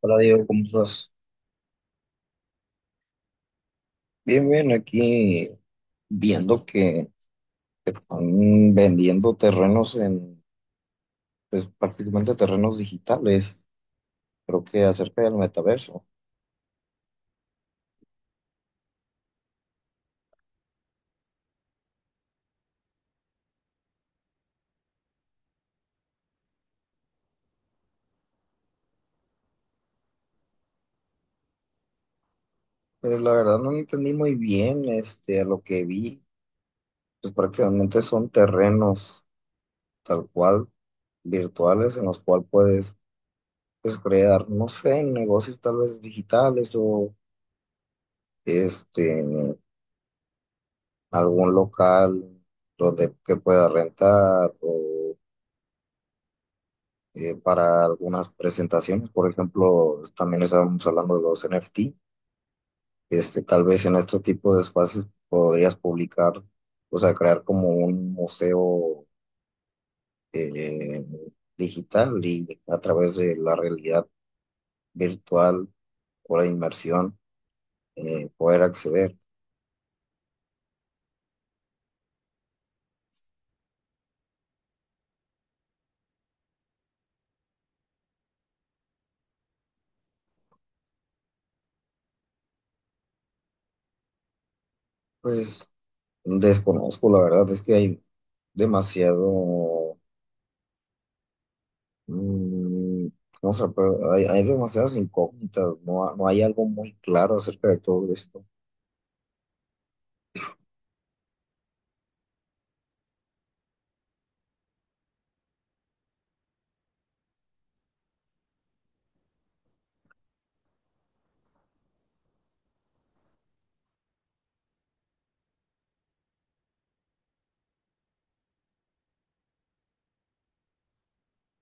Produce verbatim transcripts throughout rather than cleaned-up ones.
Hola Diego, ¿cómo estás? Bien, bien, aquí viendo que están vendiendo terrenos en, pues prácticamente terrenos digitales, creo que acerca del metaverso. Pues la verdad no entendí muy bien, este, a lo que vi, pues prácticamente son terrenos tal cual virtuales en los cuales puedes, pues, crear, no sé, negocios tal vez digitales o este, algún local donde que pueda rentar o eh, para algunas presentaciones. Por ejemplo, también estábamos hablando de los N F T. Este, tal vez en este tipo de espacios podrías publicar, o sea, crear como un museo eh, digital y a través de la realidad virtual o la inmersión, eh, poder acceder. Pues desconozco, la verdad es que hay demasiado. Mm, no sé, pero hay, hay demasiadas incógnitas, no, ha- no hay algo muy claro acerca de todo esto.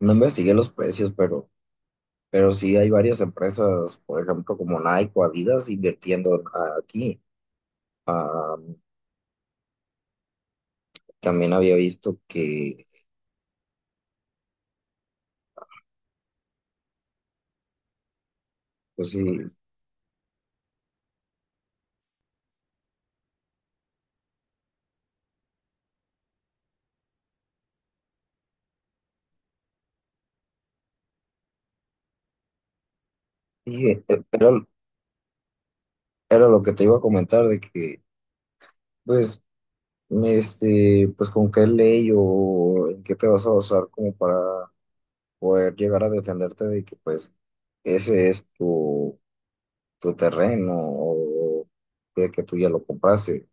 No investigué los precios, pero, pero sí hay varias empresas, por ejemplo, como Nike o Adidas invirtiendo en- a- aquí. Ah, también había visto que, pues sí, sí, eh, era, era lo que te iba a comentar, de que, pues, este, pues con qué ley o en qué te vas a basar como para poder llegar a defenderte de que, pues, ese es tu tu terreno o de que tú ya lo compraste.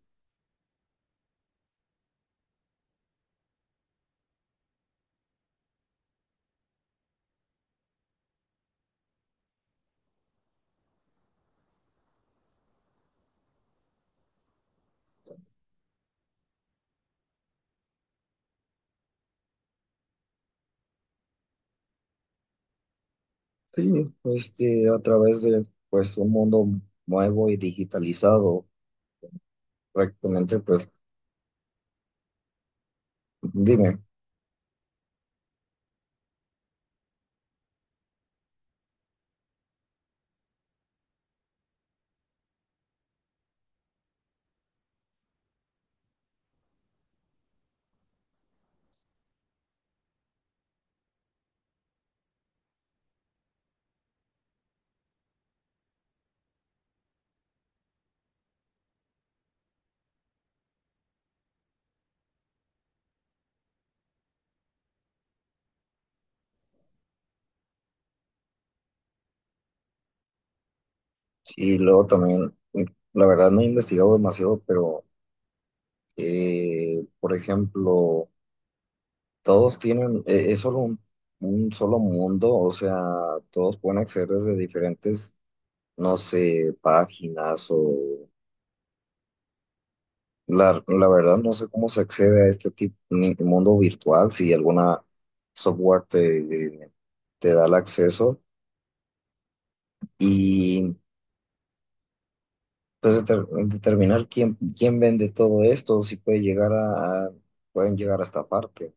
Sí, este, a través de pues un mundo nuevo y digitalizado, prácticamente, pues dime. Y luego también, la verdad no he investigado demasiado, pero eh, por ejemplo, todos tienen, eh, es solo un, un solo mundo, o sea, todos pueden acceder desde diferentes, no sé, páginas o La, la verdad no sé cómo se accede a este tipo, ni- mundo virtual, si alguna software te, te da el acceso. Y pues deter- determinar quién, quién vende todo esto, si puede llegar a, a- pueden llegar a estafarte.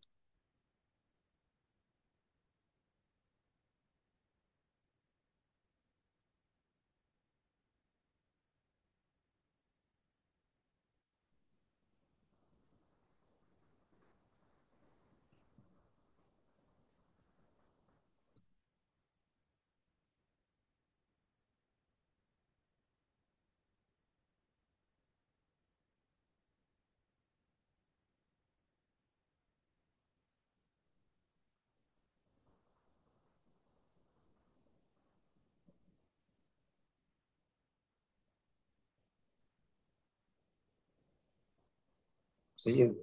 Sí,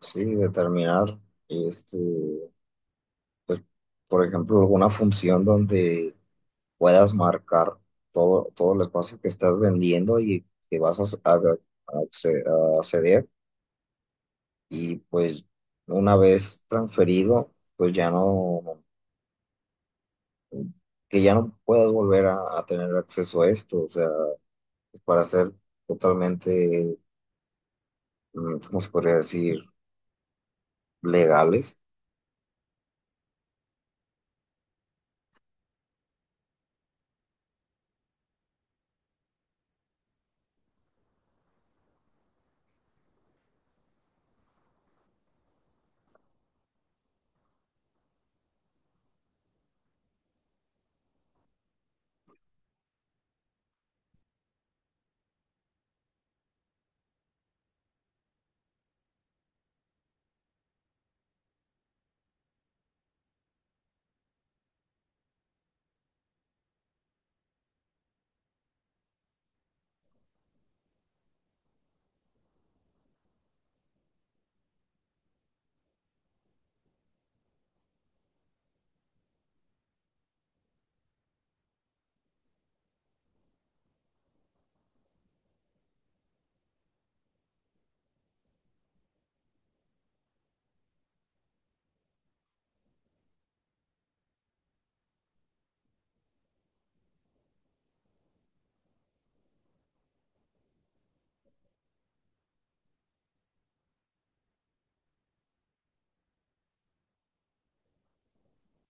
sí, determinar, este, pues, por ejemplo, alguna función donde puedas marcar todo, todo el espacio que estás vendiendo y que vas a, a, a acce- a acceder. Y pues una vez transferido, pues ya no, que ya no puedas volver a, a tener acceso a esto, o sea, para ser totalmente, mm, ¿cómo se podría decir?, legales.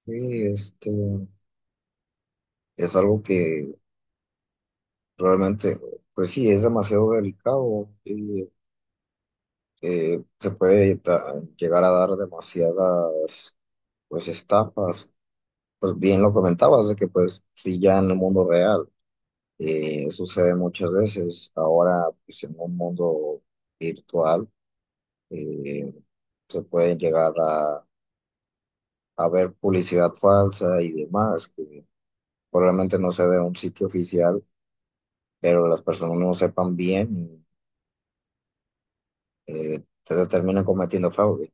Sí, este, es algo que realmente, pues sí, es demasiado delicado y eh, se puede ta- llegar a dar demasiadas, pues, estafas. Pues bien lo comentabas, de que pues sí, ya en el mundo real. Eh, sucede muchas veces. Ahora, pues, en un mundo virtual, eh, se pueden llegar a, a ver publicidad falsa y demás, que probablemente no sea de un sitio oficial, pero las personas no sepan bien y eh, te terminan cometiendo fraude.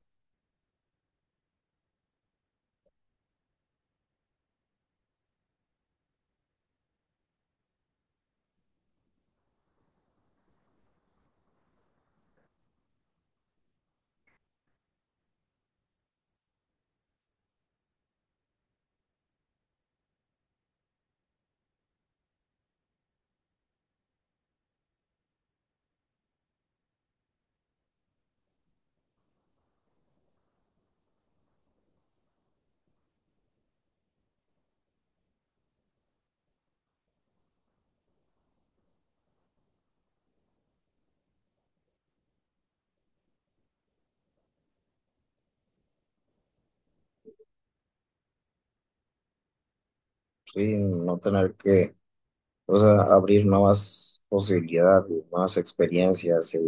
Sí, no tener que, o sea, abrir nuevas posibilidades, nuevas experiencias. eh,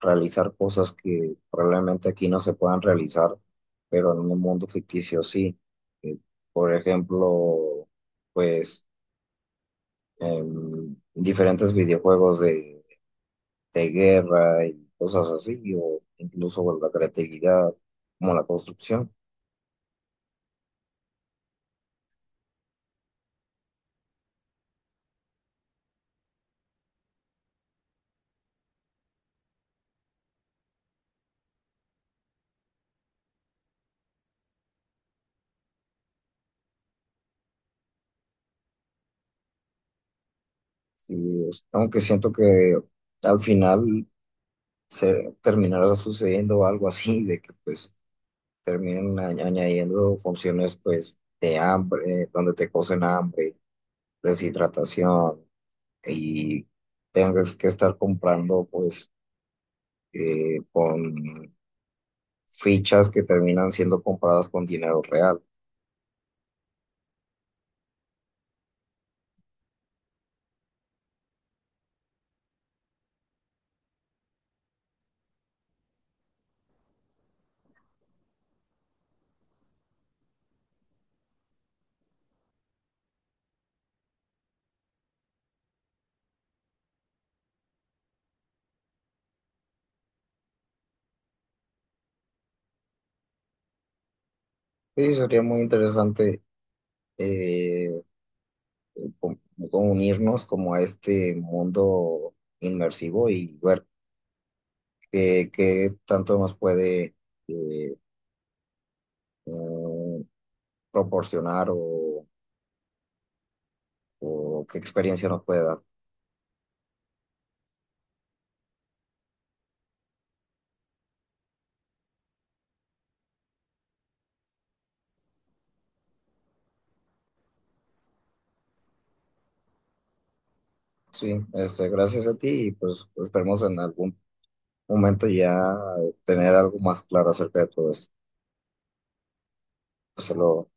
Realizar cosas que probablemente aquí no se puedan realizar, pero en un mundo ficticio sí. Eh, por ejemplo, pues em, diferentes videojuegos de, de guerra y cosas así, o incluso bueno, la creatividad como la construcción. Sí, es- aunque siento que al final se terminará sucediendo algo así, de que pues terminen añ- añadiendo funciones pues de hambre, donde te cocen hambre, deshidratación, y tengas que estar comprando pues eh, con fichas que terminan siendo compradas con dinero real. Sí, sería muy interesante eh, com- como unirnos como a este mundo inmersivo y ver qué, qué tanto nos puede eh, mm, proporcionar o, o qué experiencia nos puede dar. Sí, este, gracias a ti y pues esperemos en algún momento ya tener algo más claro acerca de todo esto. Solo